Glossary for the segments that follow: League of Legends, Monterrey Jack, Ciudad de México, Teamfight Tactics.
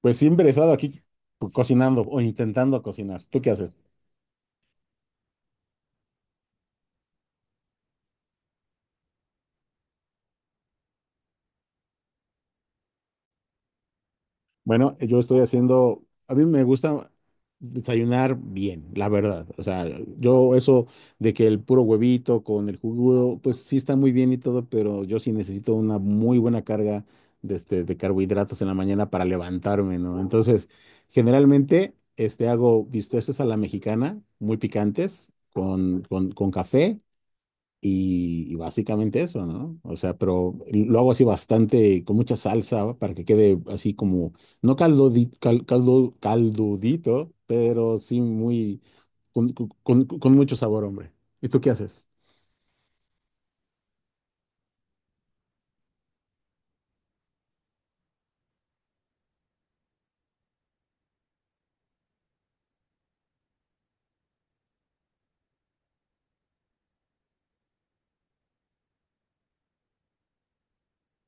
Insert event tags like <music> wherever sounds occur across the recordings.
Pues siempre he estado aquí cocinando o intentando cocinar. ¿Tú qué haces? Bueno, yo estoy haciendo, a mí me gusta desayunar bien, la verdad. O sea, yo eso de que el puro huevito con el jugo, pues sí está muy bien y todo, pero yo sí necesito una muy buena carga de, de carbohidratos en la mañana para levantarme, ¿no? Entonces, generalmente hago bisteces a la mexicana, muy picantes, con café. Y, y básicamente eso, ¿no? O sea, pero lo hago así bastante, con mucha salsa, para que quede así como, no caldodi- cal- caldo, caldudito, pero sí muy, con mucho sabor, hombre. ¿Y tú qué haces?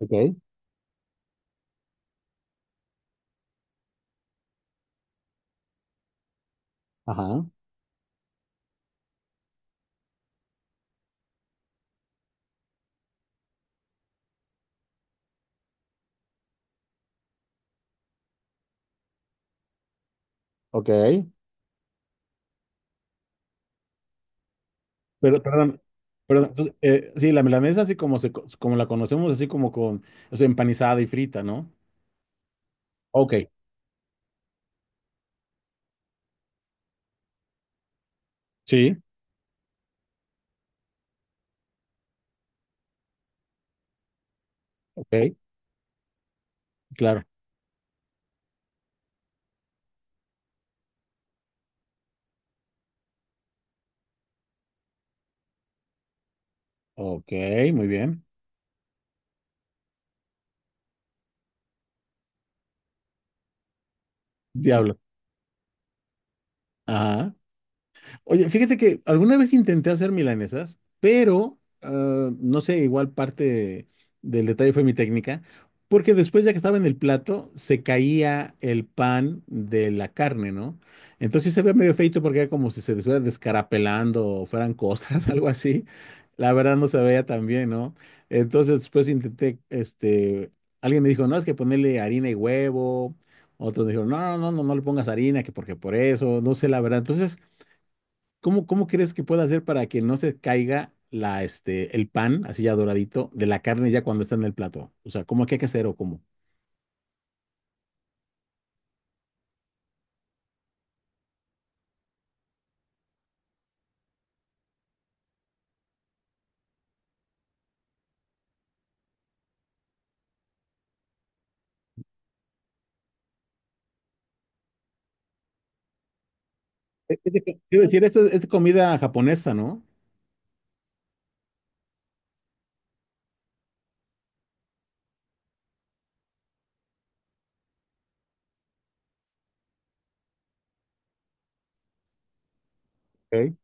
Ok, ajá, ok. Pero, perdón, perdón, pues, sí, la milanesa así como, como la conocemos, así como con, o sea, empanizada y frita, ¿no? Ok, sí, ok, claro. Ok, muy bien. Diablo. Ajá. Oye, fíjate que alguna vez intenté hacer milanesas, pero no sé, igual parte del detalle fue mi técnica, porque después ya que estaba en el plato, se caía el pan de la carne, ¿no? Entonces se veía medio feito porque era como si se estuviera descarapelando o fueran costras, <laughs> algo así. La verdad no se veía tan bien, ¿no? Entonces después intenté, alguien me dijo, no, es que ponerle harina y huevo. Otros me dijeron, no le pongas harina, que porque por eso, no sé la verdad. Entonces, ¿cómo, cómo crees que pueda hacer para que no se caiga la, el pan, así ya doradito, de la carne ya cuando está en el plato? O sea, ¿cómo que hay que hacer o cómo? Quiero decir, esto es de comida japonesa, ¿no? Ok.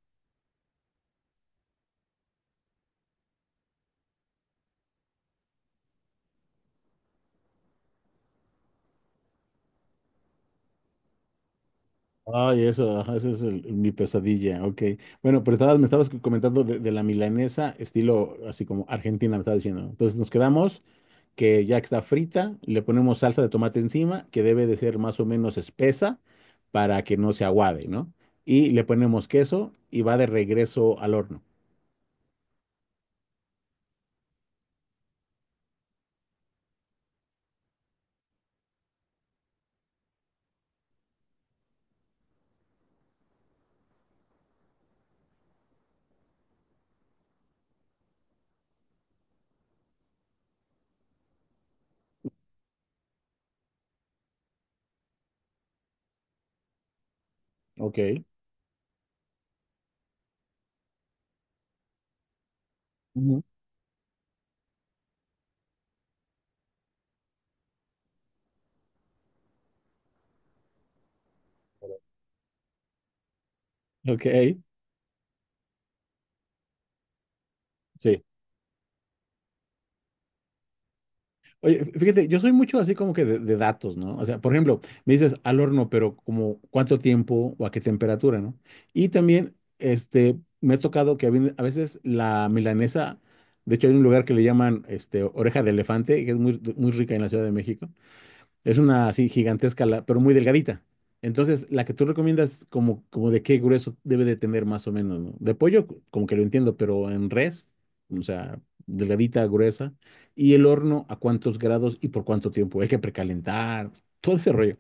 Ay, eso, ajá, mi pesadilla, ok. Bueno, pero estabas, me estabas comentando de la milanesa, estilo así como Argentina, me estabas diciendo. ¿No? Entonces nos quedamos que ya está frita, le ponemos salsa de tomate encima, que debe de ser más o menos espesa para que no se aguade, ¿no? Y le ponemos queso y va de regreso al horno. Ok. Ujú. Ok, sí. Oye, fíjate, yo soy mucho así como que de datos, ¿no? O sea, por ejemplo, me dices al horno, pero como cuánto tiempo o a qué temperatura, ¿no? Y también, me ha tocado que a veces la milanesa, de hecho hay un lugar que le llaman, oreja de elefante, que es muy, muy rica en la Ciudad de México. Es una así gigantesca, pero muy delgadita. Entonces, la que tú recomiendas, como, como de qué grueso debe de tener más o menos, ¿no? De pollo, como que lo entiendo, pero en res, o sea, delgadita, gruesa. Y el horno, ¿a cuántos grados y por cuánto tiempo? Hay que precalentar, todo ese rollo.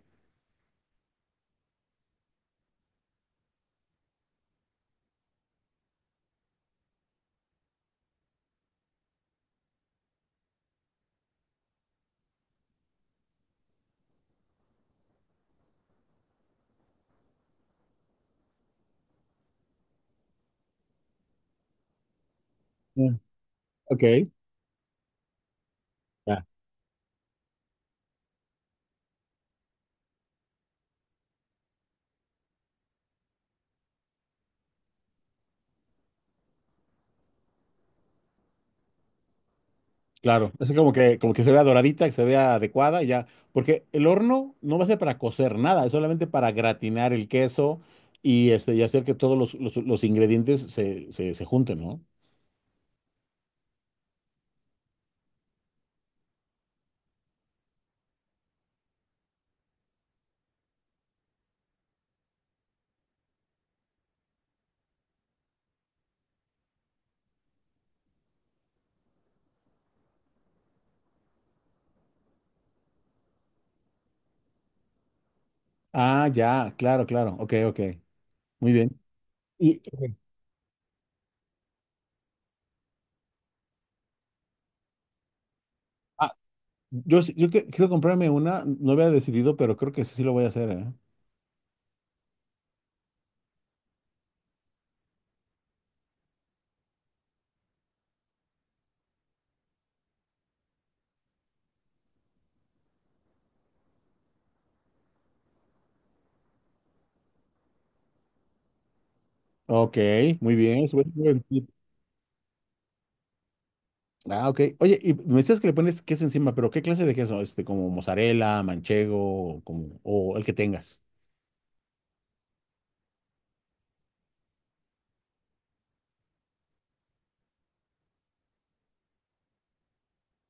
Mm. Ok, ya, claro. Es como que se vea doradita, que se vea adecuada, y ya. Porque el horno no va a ser para cocer nada, es solamente para gratinar el queso y, y hacer que todos los, los ingredientes se junten, ¿no? Ah, ya, claro, claro. Ok, ok. Muy bien. Y ok. Ah, yo, quiero comprarme una, no había decidido, pero creo que sí lo voy a hacer, ¿eh? Ok, muy bien. Es buen tip. Ah, ok. Oye, y me decías que le pones queso encima, pero ¿qué clase de queso? Este, como mozzarella, manchego, como, o el que tengas.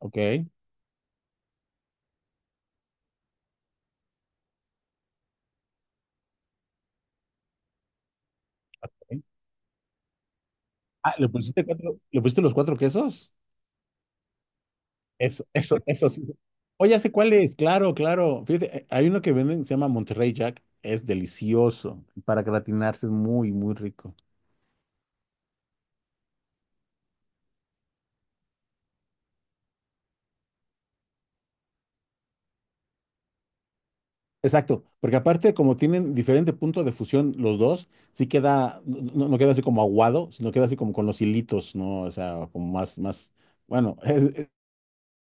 Ok. Ok. Ah, ¿le pusiste cuatro, le pusiste los cuatro quesos? Eso sí. Oye, ¿hace cuál es? Claro, claro. Fíjate, hay uno que venden, se llama Monterrey Jack. Es delicioso. Para gratinarse es muy, muy rico. Exacto, porque aparte como tienen diferente punto de fusión los dos, sí queda, no, no queda así como aguado, sino queda así como con los hilitos, ¿no? O sea, como más, más, bueno, <laughs>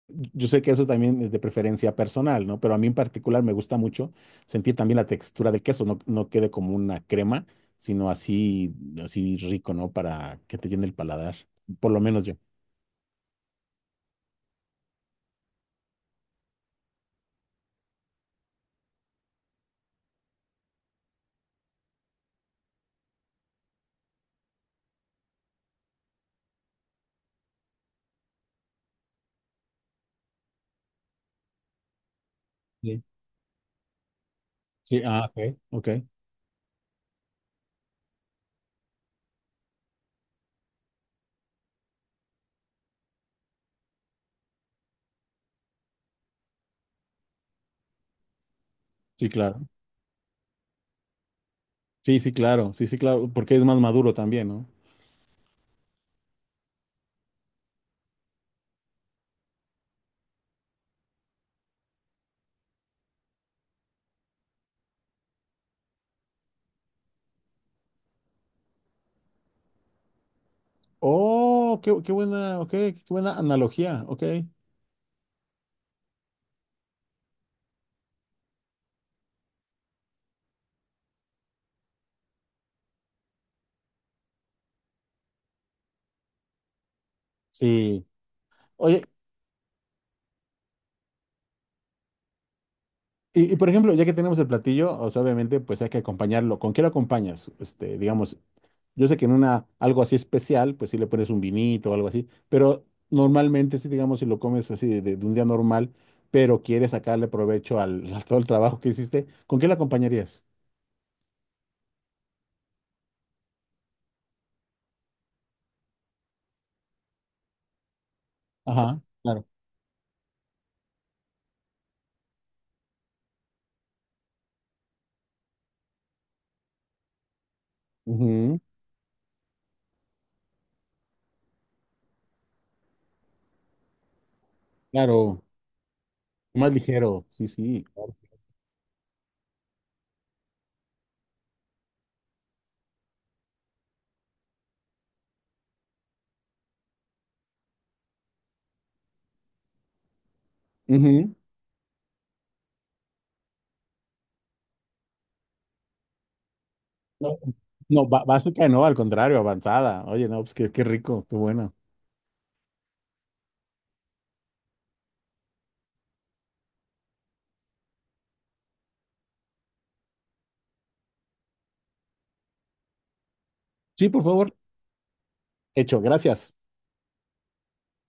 yo sé que eso también es de preferencia personal, ¿no? Pero a mí en particular me gusta mucho sentir también la textura del queso, no, no quede como una crema, sino así, así rico, ¿no? Para que te llene el paladar, por lo menos yo. Sí, sí, ah, ok, ok, sí, claro. Sí, sí, claro, sí, sí, claro, porque es más maduro también, ¿no? Oh, qué, qué buena, ok, qué buena analogía, ok. Sí. Oye, y por ejemplo, ya que tenemos el platillo, o sea, obviamente, pues hay que acompañarlo. ¿Con qué lo acompañas? Este, digamos, yo sé que en una, algo así especial, pues sí le pones un vinito o algo así, pero normalmente sí, digamos, si lo comes así de un día normal, pero quieres sacarle provecho al, <laughs> a todo el trabajo que hiciste, ¿con qué lo acompañarías? Ajá, claro. Ujú, claro, más ligero, sí, sí. Claro. Ujú. No, no, básica no, al contrario, avanzada. Oye, no, pues qué, qué rico, qué bueno. Sí, por favor, hecho, gracias.